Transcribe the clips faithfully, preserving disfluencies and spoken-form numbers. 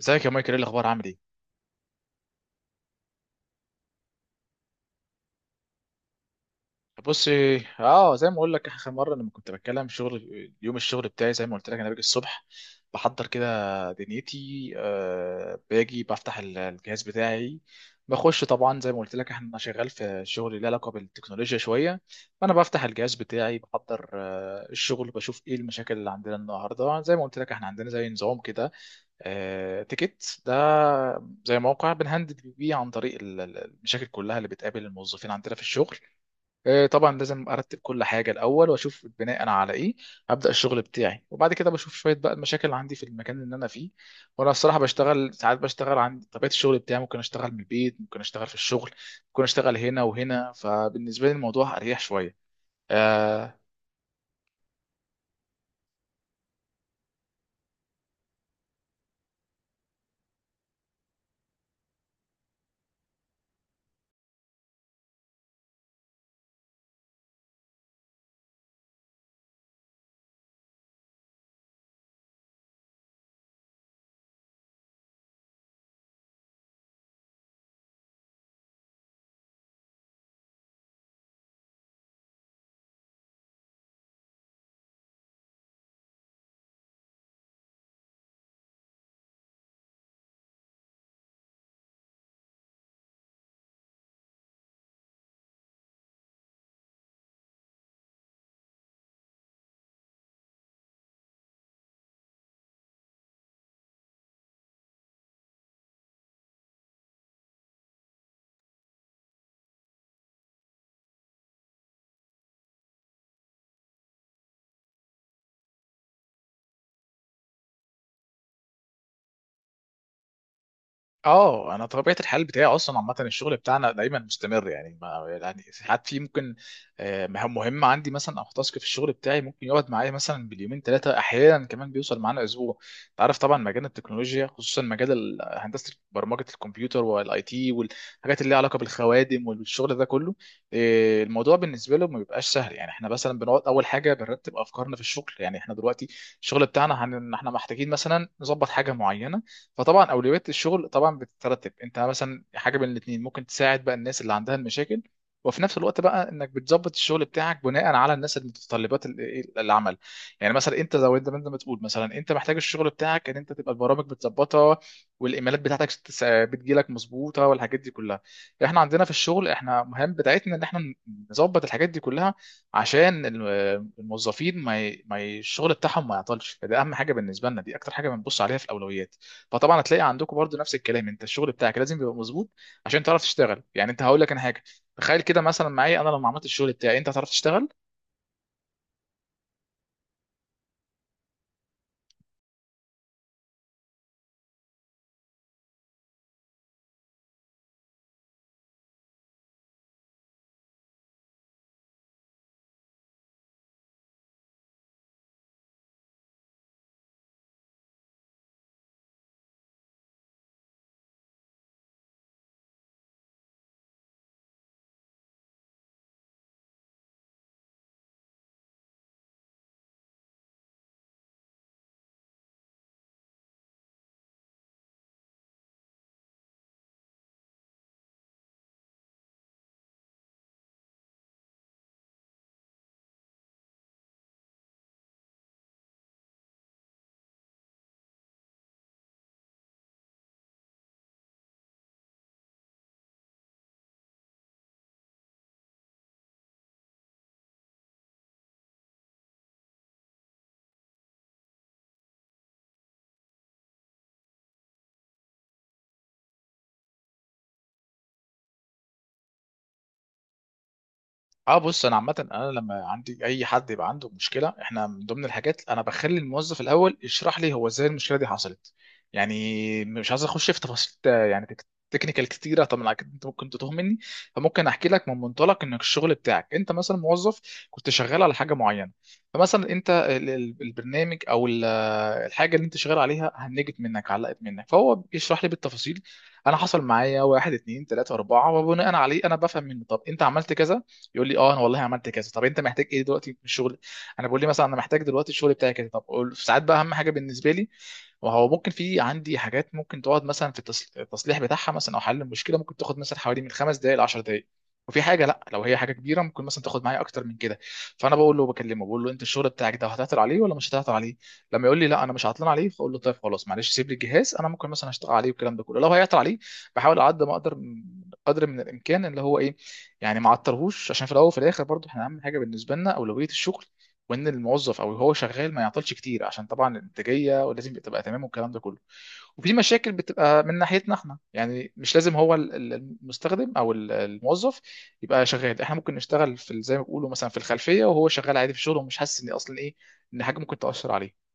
ازيك يا مايكل، ايه الاخبار؟ عامل ايه؟ بص. اه، زي ما اقول لك اخر مره لما كنت بتكلم شغل، يوم الشغل بتاعي زي ما قلت لك انا باجي الصبح بحضر كده دنيتي، آه، باجي بفتح ال- الجهاز بتاعي، بخش، طبعا زي ما قلت لك احنا شغال في شغل له علاقه بالتكنولوجيا شويه. فانا بفتح الجهاز بتاعي بحضر آه الشغل، بشوف ايه المشاكل اللي عندنا النهارده. زي ما قلت لك احنا عندنا زي نظام كده، آه، تيكت ده، زي موقع بنهندل بيه عن طريق ال- ال- المشاكل كلها اللي بتقابل الموظفين عندنا في الشغل. آه، طبعا لازم ارتب كل حاجه الاول واشوف بناء على ايه ابدا الشغل بتاعي، وبعد كده بشوف شويه بقى المشاكل اللي عندي في المكان اللي انا فيه. وانا الصراحه بشتغل ساعات، بشتغل عن طبيعه الشغل بتاعي، ممكن اشتغل من البيت، ممكن اشتغل في الشغل، ممكن اشتغل هنا وهنا، فبالنسبه لي الموضوع اريح شويه. آه، اه انا طبيعه الحال بتاعي اصلا عامه الشغل بتاعنا دايما مستمر، يعني ما يعني ساعات في ممكن آه، مهام مهمه عندي مثلا، او تاسك في الشغل بتاعي ممكن يقعد معايا مثلا باليومين ثلاثه، احيانا كمان بيوصل معانا اسبوع. انت عارف طبعا مجال التكنولوجيا خصوصا مجال ال- هندسه برمجه الكمبيوتر والاي تي والحاجات اللي ليها علاقه بالخوادم والشغل ده كله، آه، الموضوع بالنسبه له ما بيبقاش سهل. يعني احنا مثلا بنقعد اول حاجه بنرتب افكارنا في الشغل. يعني احنا دلوقتي الشغل بتاعنا هن... احنا محتاجين مثلا نظبط حاجه معينه. فطبعا اولويات الشغل طبعا بتترتب، انت مثلا حاجه من الاثنين ممكن تساعد بقى الناس اللي عندها المشاكل، وفي نفس الوقت بقى انك بتظبط الشغل بتاعك بناء على الناس، المتطلبات، ال- ال- العمل. يعني مثلا انت زي ما انت، ما أنت بتقول مثلا انت محتاج الشغل بتاعك ان انت تبقى البرامج بتظبطها، والايميلات بتاعتك تس- بتجيلك مظبوطه والحاجات دي كلها. احنا عندنا في الشغل احنا مهم بتاعتنا ان احنا نظبط الحاجات دي كلها عشان ال- الموظفين ما ي... ما ي... الشغل بتاعهم ما يعطلش، فده اهم حاجه بالنسبه لنا، دي اكتر حاجه بنبص عليها في الاولويات. فطبعا هتلاقي عندكم برضو نفس الكلام، انت الشغل بتاعك لازم يبقى مظبوط عشان تعرف تشتغل. يعني انت هقول لك انا حاجه، تخيل كده مثلا معايا، انا لما عملت الشغل بتاعي انت هتعرف تشتغل. اه، بص انا عامه انا لما عندي اي حد يبقى عنده مشكله احنا من ضمن الحاجات انا بخلي الموظف الاول يشرح لي هو ازاي المشكله دي حصلت. يعني مش عايز اخش في تفاصيل آه، يعني تك- تكنيكال كتيره، طبعا أكيد انت ممكن تتوه مني. فممكن احكي لك من منطلق انك الشغل بتاعك انت مثلا موظف كنت شغال على حاجه معينه، فمثلا انت ال- ال- البرنامج او ال- آه، الحاجه اللي انت شغال عليها هنجت منك، علقت منك، فهو بيشرح لي بالتفاصيل انا حصل معايا واحد اتنين تلاته اربعه، وبناء عليه انا بفهم منه طب انت عملت كذا، يقول لي اه انا والله عملت كذا. طب انت محتاج ايه دلوقتي من الشغل؟ انا بقول لي مثلا انا محتاج دلوقتي الشغل بتاعي كذا. طب أقول- ساعات بقى اهم حاجه بالنسبه لي، وهو ممكن في عندي حاجات ممكن تقعد مثلا في التص- التصليح بتاعها، مثلا او حل المشكله ممكن تاخد مثلا حوالي من خمس دقائق ل عشر دقائق، وفي حاجه لا لو هي حاجه كبيره ممكن مثلا تاخد معايا اكتر من كده. فانا بقول له بكلمه، بقول له انت الشغل بتاعك ده هتعطل عليه ولا مش هتعطل عليه؟ لما يقول لي لا انا مش عطلان عليه، فاقول له طيب خلاص، معلش سيب لي الجهاز انا ممكن مثلا اشتغل عليه والكلام ده كله. لو هيعطل عليه بحاول على قد ما اقدر من- قدر من الامكان اللي هو ايه، يعني ما عطلهوش، عشان في الاول وفي الاخر برضو احنا اهم حاجه بالنسبه لنا اولويه الشغل، وان الموظف او هو شغال ما يعطلش كتير، عشان طبعا الانتاجيه ولازم تبقى تمام والكلام ده كله. وفي مشاكل بتبقى من ناحيتنا احنا، يعني مش لازم هو ال- ال- المستخدم او ال- الموظف يبقى شغال، احنا ممكن نشتغل في ال- زي ما بيقولوا مثلا في الخلفيه وهو شغال عادي في شغله ومش حاسس ان اصلا ايه، ان حاجه ممكن تاثر عليه.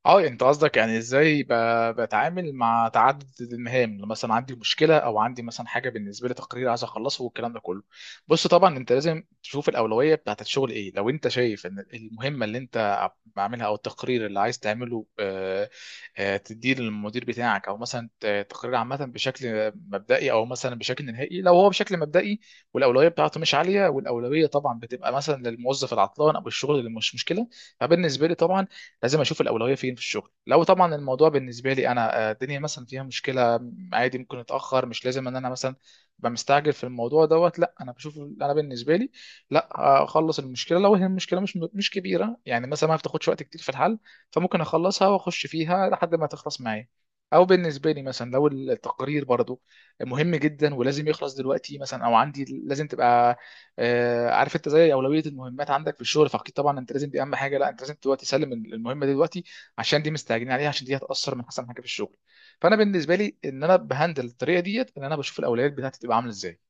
اه، انت قصدك يعني ازاي ب- بتعامل مع تعدد المهام لو مثلا عندي مشكله او عندي مثلا حاجه بالنسبه لي تقرير عايز اخلصه والكلام ده كله؟ بص طبعا انت لازم تشوف الاولويه بتاعت الشغل ايه. لو انت شايف ان المهمه اللي انت عاملها او التقرير اللي عايز تعمله آه، آه، تديه للمدير بتاعك او مثلا ت- تقرير عامه بشكل مبدئي او مثلا بشكل نهائي، لو هو بشكل مبدئي والاولويه بتاعته مش عاليه، والاولويه طبعا بتبقى مثلا للموظف العطلان او الشغل اللي مش مشكله، فبالنسبه لي طبعا لازم اشوف الاولويه فين في الشغل. لو طبعا الموضوع بالنسبه لي انا آه، الدنيا مثلا فيها مشكله عادي ممكن اتاخر، مش لازم ان انا مثلا ابقى مستعجل في الموضوع دوت. لا انا بشوف انا بالنسبه لي لا آه، اخلص المشكله. لو هي المشكله مش مش كبيره يعني مثلا ما بتاخدش وقت كتير في الحل، فممكن اخلصها واخش فيها لحد ما تخلص معايا، او بالنسبه لي مثلا لو التقرير برضو مهم جدا ولازم يخلص دلوقتي مثلا، او عندي لازم تبقى آه، عارف انت زي اولويه المهمات عندك في الشغل. فاكيد طبعا انت لازم دي اهم حاجه، لا انت لازم دلوقتي تسلم المهمه دي دلوقتي، عشان دي مستعجلين عليها، عشان دي هتاثر من احسن حاجه في الشغل. فانا بالنسبه لي ان انا بهندل الطريقه ديت ان انا بشوف الاولويات بتاعتي تبقى عامله ازاي.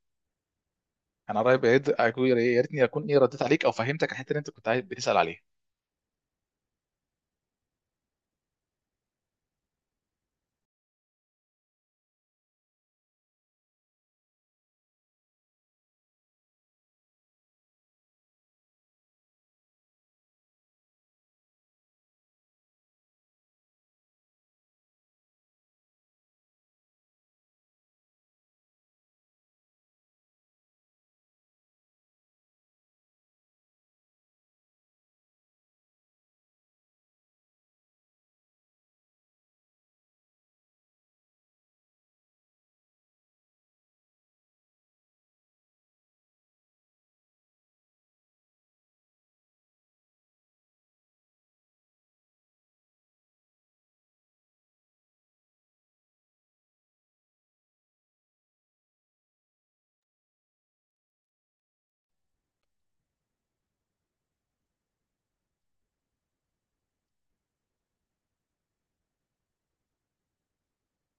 انا قريب، يا ريت- يا ريتني اكون ايه رديت عليك او فهمتك الحته اللي انت كنت عايز- بتسال عليها.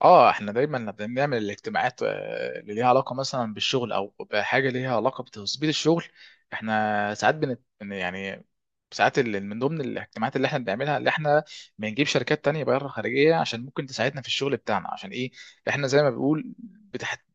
اه، احنا دايما بنعمل الاجتماعات آه، اللي ليها علاقه مثلا بالشغل او بحاجه ليها علاقه بتظبيط الشغل. احنا ساعات بنت بن- يعني ساعات ال- من ضمن الاجتماعات اللي احنا بنعملها، اللي احنا بنجيب شركات تانية بره خارجيه عشان ممكن تساعدنا في الشغل بتاعنا، عشان ايه؟ احنا زي ما بنقول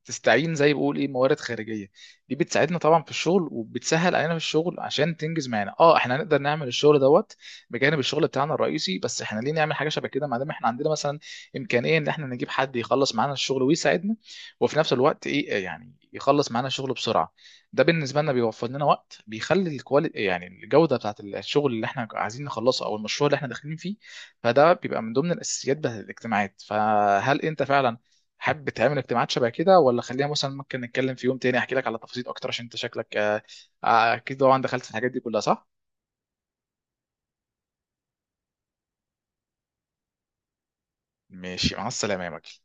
بتستعين، زي بقول ايه، موارد خارجيه دي بتساعدنا طبعا في الشغل وبتسهل علينا في الشغل عشان تنجز معانا. اه احنا هنقدر نعمل الشغل دوت بجانب الشغل بتاعنا الرئيسي. بس احنا ليه نعمل حاجه شبه كده ما دام احنا عندنا مثلا امكانيه ان احنا نجيب حد يخلص معانا الشغل ويساعدنا وفي نفس الوقت ايه آه، يعني يخلص معانا الشغل بسرعه؟ ده بالنسبه لنا بيوفر لنا وقت، بيخلي الكواليتي يعني الجوده بتاعت الشغل اللي احنا عايزين نخلصه او المشروع اللي احنا داخلين فيه، فده بيبقى من ضمن الاساسيات بتاعت الاجتماعات. فهل انت فعلا حابب تعمل اجتماعات شبه كده، ولا خليها مثلا ممكن نتكلم في يوم تاني احكي لك على تفاصيل اكتر؟ عشان انت شكلك آه، آه، اكيد طبعا دخلت في الحاجات دي كلها، صح؟ ماشي، مع السلامه يا مجدي.